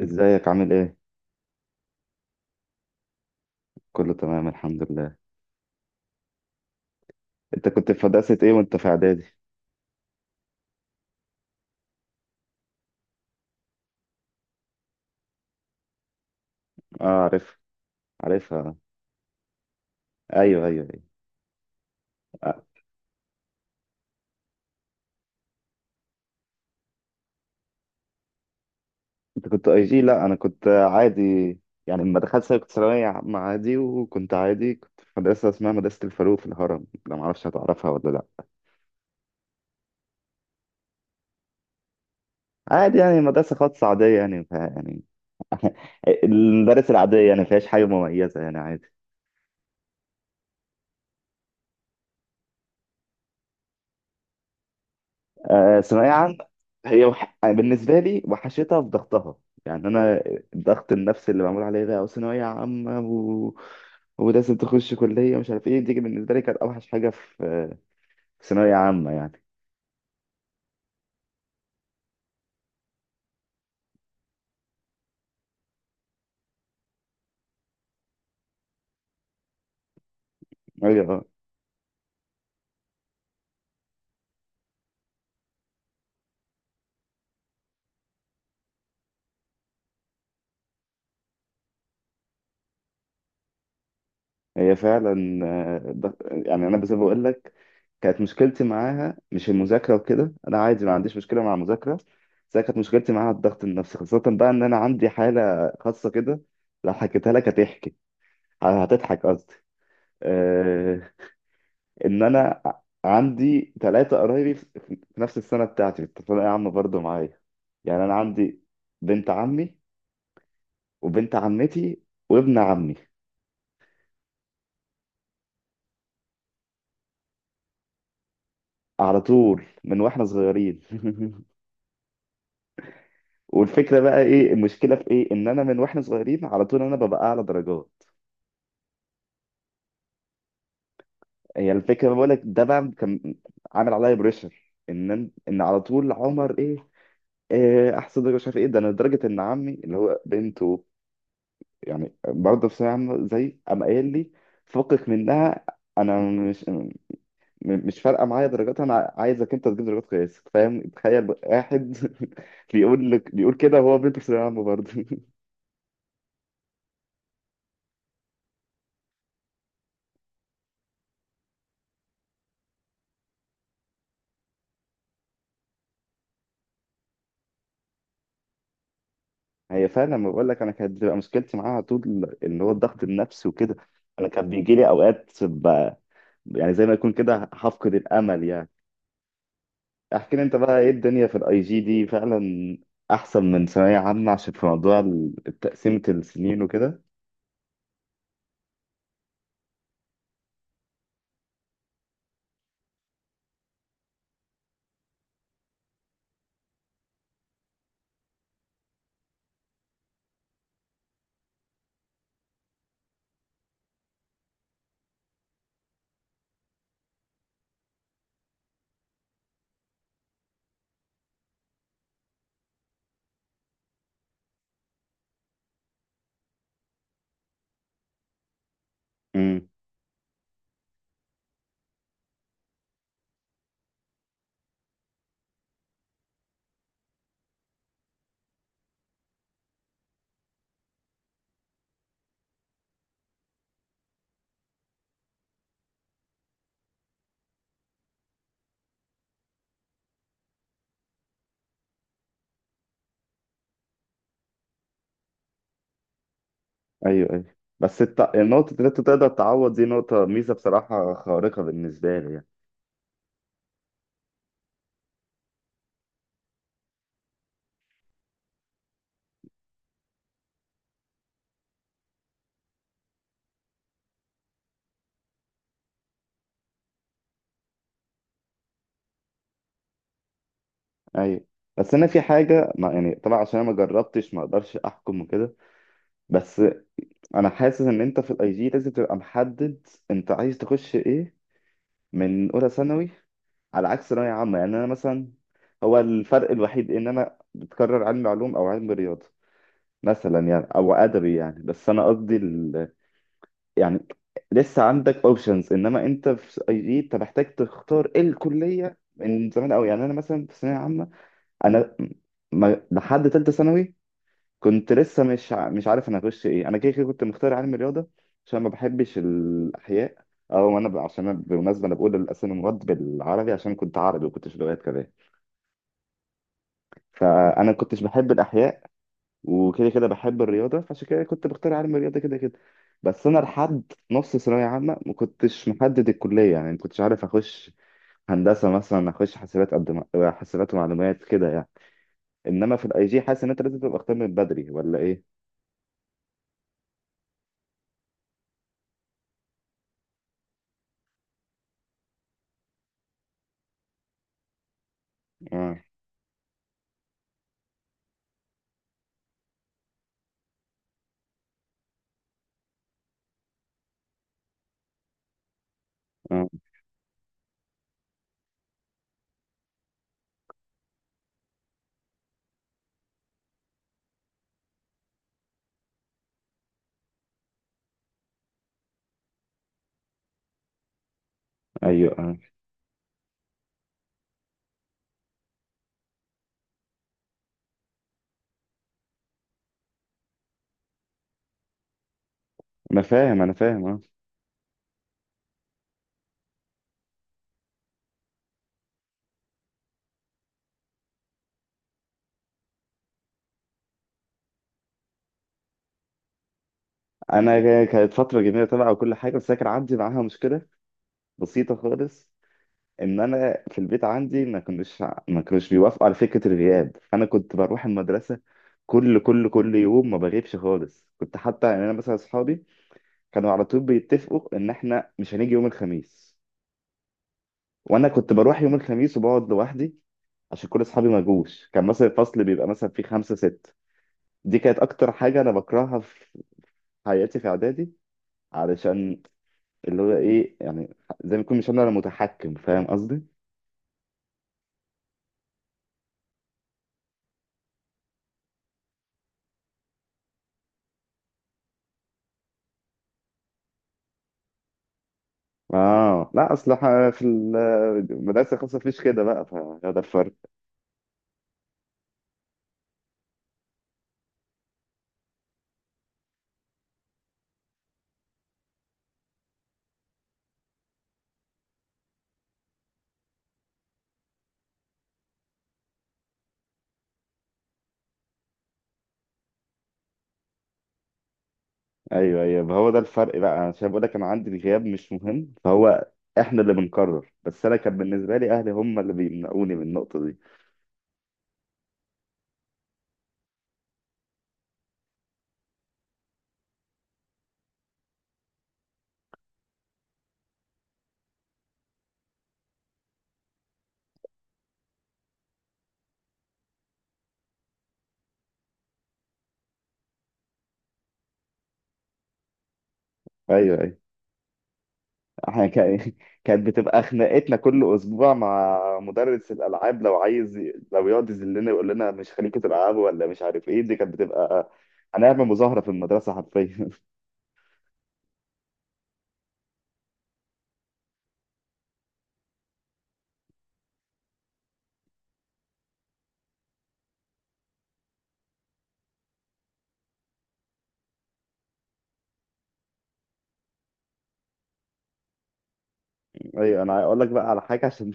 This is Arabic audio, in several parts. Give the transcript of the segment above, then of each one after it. ازيك عامل ايه؟ كله تمام الحمد لله. انت كنت في مدرسة ايه وانت في اعدادي؟ اه عارفها. عارفها. ايوه ايوه ايوه. آه. انت كنت اي جي؟ لا انا كنت عادي. يعني لما دخلت ثانوي كنت ثانوية عامة عادي، وكنت عادي كنت في مدرسة اسمها مدرسة الفاروق في الهرم، لا معرفش هتعرفها ولا لا. عادي، يعني مدرسة خاصة عادية يعني يعني المدارس العادية يعني ما فيهاش حاجة مميزة يعني عادي. ثانوية عامة. أنا بالنسبة لي وحشتها في ضغطها. يعني أنا الضغط النفسي اللي معمول عليا ده وثانوية عامة ولازم تخش كلية مش عارف إيه، دي بالنسبة لي كانت أوحش حاجة في في ثانوية عامة يعني. أيوه هي فعلا. يعني أنا بس بقول لك كانت مشكلتي معاها مش المذاكرة وكده، أنا عادي ما عنديش مشكلة مع المذاكرة. بس أنا كانت مشكلتي معاها الضغط النفسي، خاصة بقى إن أنا عندي حالة خاصة كده. لو حكيتها لك هتحكي هتضحك قصدي. آه، ان انا عندي ثلاثه قرايبي في في نفس السنه بتاعتي في الثانويه عامه برضه معايا. يعني انا عندي بنت عمي، وبنت عمتي، وابن عمي على طول من واحنا صغيرين والفكره بقى ايه، المشكله في ايه ان انا من واحنا صغيرين على طول انا ببقى اعلى درجات. هي الفكره بقول لك ده بقى كان عامل عليا بريشر ان على طول عمر ايه إيه، احسن درجه مش عارف ايه ده، انا لدرجه ان عمي اللي هو بنته يعني برضه في ثانوية عامة زي، قام قايل لي فكك منها. انا مش م- مش فارقه معايا درجات، انا عايزك انت تجيب درجات كويسه، فاهم؟ تخيل واحد بيقول لك بيقول كده وهو بنت في ثانويه عامه برضه هي فعلا، لما بقول لك انا كانت بتبقى مشكلتي معاها طول اللي هو الضغط النفسي وكده. انا كان بيجي لي اوقات يعني زي ما يكون كده هفقد الامل يعني. احكي لي انت بقى ايه الدنيا في الاي جي دي فعلا احسن من ثانويه عامه عشان في موضوع تقسيمه السنين وكده. ايوه ايوه. بس النقطة اللي انت تقدر تعوض دي نقطة ميزة بصراحة خارقة بالنسبة لي يعني. ايوه. بس انا في حاجة ما يعني، طبعا عشان انا ما جربتش ما اقدرش احكم وكده، بس انا حاسس ان انت في الاي جي لازم تبقى محدد انت عايز تخش ايه من اولى ثانوي، على عكس ثانوية عامة. يعني انا مثلا هو الفرق الوحيد ان انا بتكرر علم علوم او علم رياضة مثلا يعني، او ادبي يعني. بس انا قصدي يعني لسه عندك اوبشنز، انما انت في اي جي انت محتاج تختار ايه الكليه من زمان قوي. يعني انا مثلا في ثانويه عامه انا ما لحد ثالثه ثانوي كنت لسه مش عارف انا هخش ايه، انا كده كده كنت مختار علم الرياضه عشان ما بحبش الاحياء. عشان أنا بالمناسبه انا بقول الاسامي المواد بالعربي عشان كنت عربي وكنتش لغات كمان. فانا كنتش بحب الاحياء وكده كده بحب الرياضه، فعشان كده كنت بختار علم الرياضه كده كده. بس انا لحد نص ثانويه عامه ما كنتش محدد الكليه، يعني ما كنتش عارف اخش هندسه مثلا اخش حاسبات قد ما حاسبات ومعلومات كده يعني. انما في الاي جي حاسس ان انت لازم تبقى اختار من بدري ولا ايه؟ اه اه ايوه اه. انا فاهم انا فاهم اه. كانت فتره جميله طبعا وكل حاجه، بس أنا كان عندي معاها مشكله بسيطه خالص ان انا في البيت عندي ما كانوش بيوافقوا على فكره الغياب، فانا كنت بروح المدرسه كل يوم ما بغيبش خالص. كنت حتى يعني انا مثلا اصحابي كانوا على طول بيتفقوا ان احنا مش هنيجي يوم الخميس، وانا كنت بروح يوم الخميس وبقعد لوحدي عشان كل اصحابي ما جوش، كان مثلا الفصل بيبقى مثلا فيه خمسة ستة. دي كانت اكتر حاجة انا بكرهها في حياتي في اعدادي، علشان اللي هو ايه يعني زي ما يكون مش انا اللي متحكم، فاهم قصدي؟ اه لا اصل إحنا في المدرسه الخاصه مفيش كده بقى، فهو ده الفرق. ايوه ايوه، ما هو ده الفرق بقى انا شايف بقول لك انا عندي الغياب مش مهم، فهو احنا اللي بنقرر بس انا كان بالنسبه لي اهلي هم اللي بيمنعوني من النقطه دي. ايوه ايوه. احنا كان كانت بتبقى خناقتنا كل اسبوع مع مدرس الالعاب، لو عايز لو يقعد يذلنا يقول لنا مش خليكم تلعبوا ولا مش عارف ايه، دي كانت بتبقى هنعمل مظاهره في المدرسه حرفيا. ايوه انا هقول لك بقى على حاجه عشان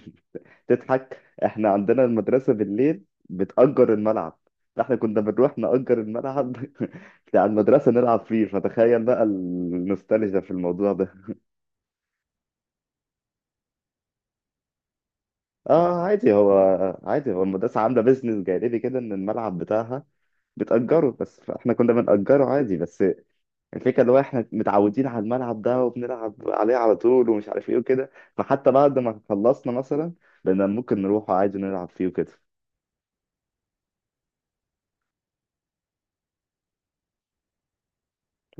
تضحك. احنا عندنا المدرسة بالليل بتأجر الملعب، فاحنا كنا بنروح نأجر الملعب بتاع المدرسة نلعب فيه، فتخيل بقى النوستالجيا في الموضوع ده. اه عادي هو، عادي هو المدرسة عاملة بيزنس جانبي كده ان الملعب بتاعها بتأجره بس، فاحنا كنا بنأجره عادي. بس الفكرة اللي هو احنا متعودين على الملعب ده وبنلعب عليه على طول ومش عارف ايه وكده، فحتى بعد ما خلصنا مثلا بقينا ممكن نروح عادي نلعب فيه وكده.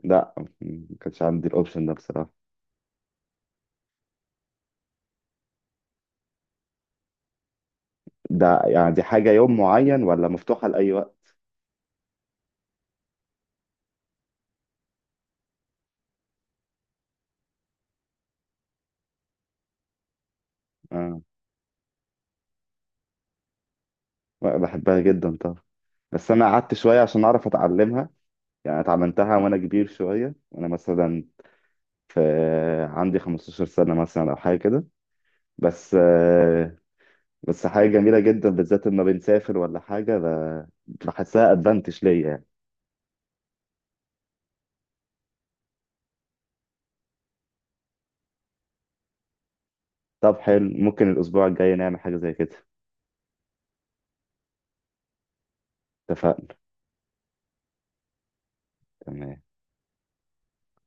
لا ما كانش عندي الاوبشن ده بصراحة. ده يعني دي حاجة يوم معين ولا مفتوحة لأي وقت؟ آه. بحبها جدا طبعا. بس أنا قعدت شوية عشان أعرف أتعلمها، يعني اتعلمتها وأنا كبير شوية وأنا مثلا في عندي 15 سنة مثلا أو حاجة كده، بس بس حاجة جميلة جدا بالذات لما بنسافر ولا حاجة بحسها أدفانتج ليا يعني. طب حلو ممكن الأسبوع الجاي نعمل حاجة زي كده. اتفقنا. تمام.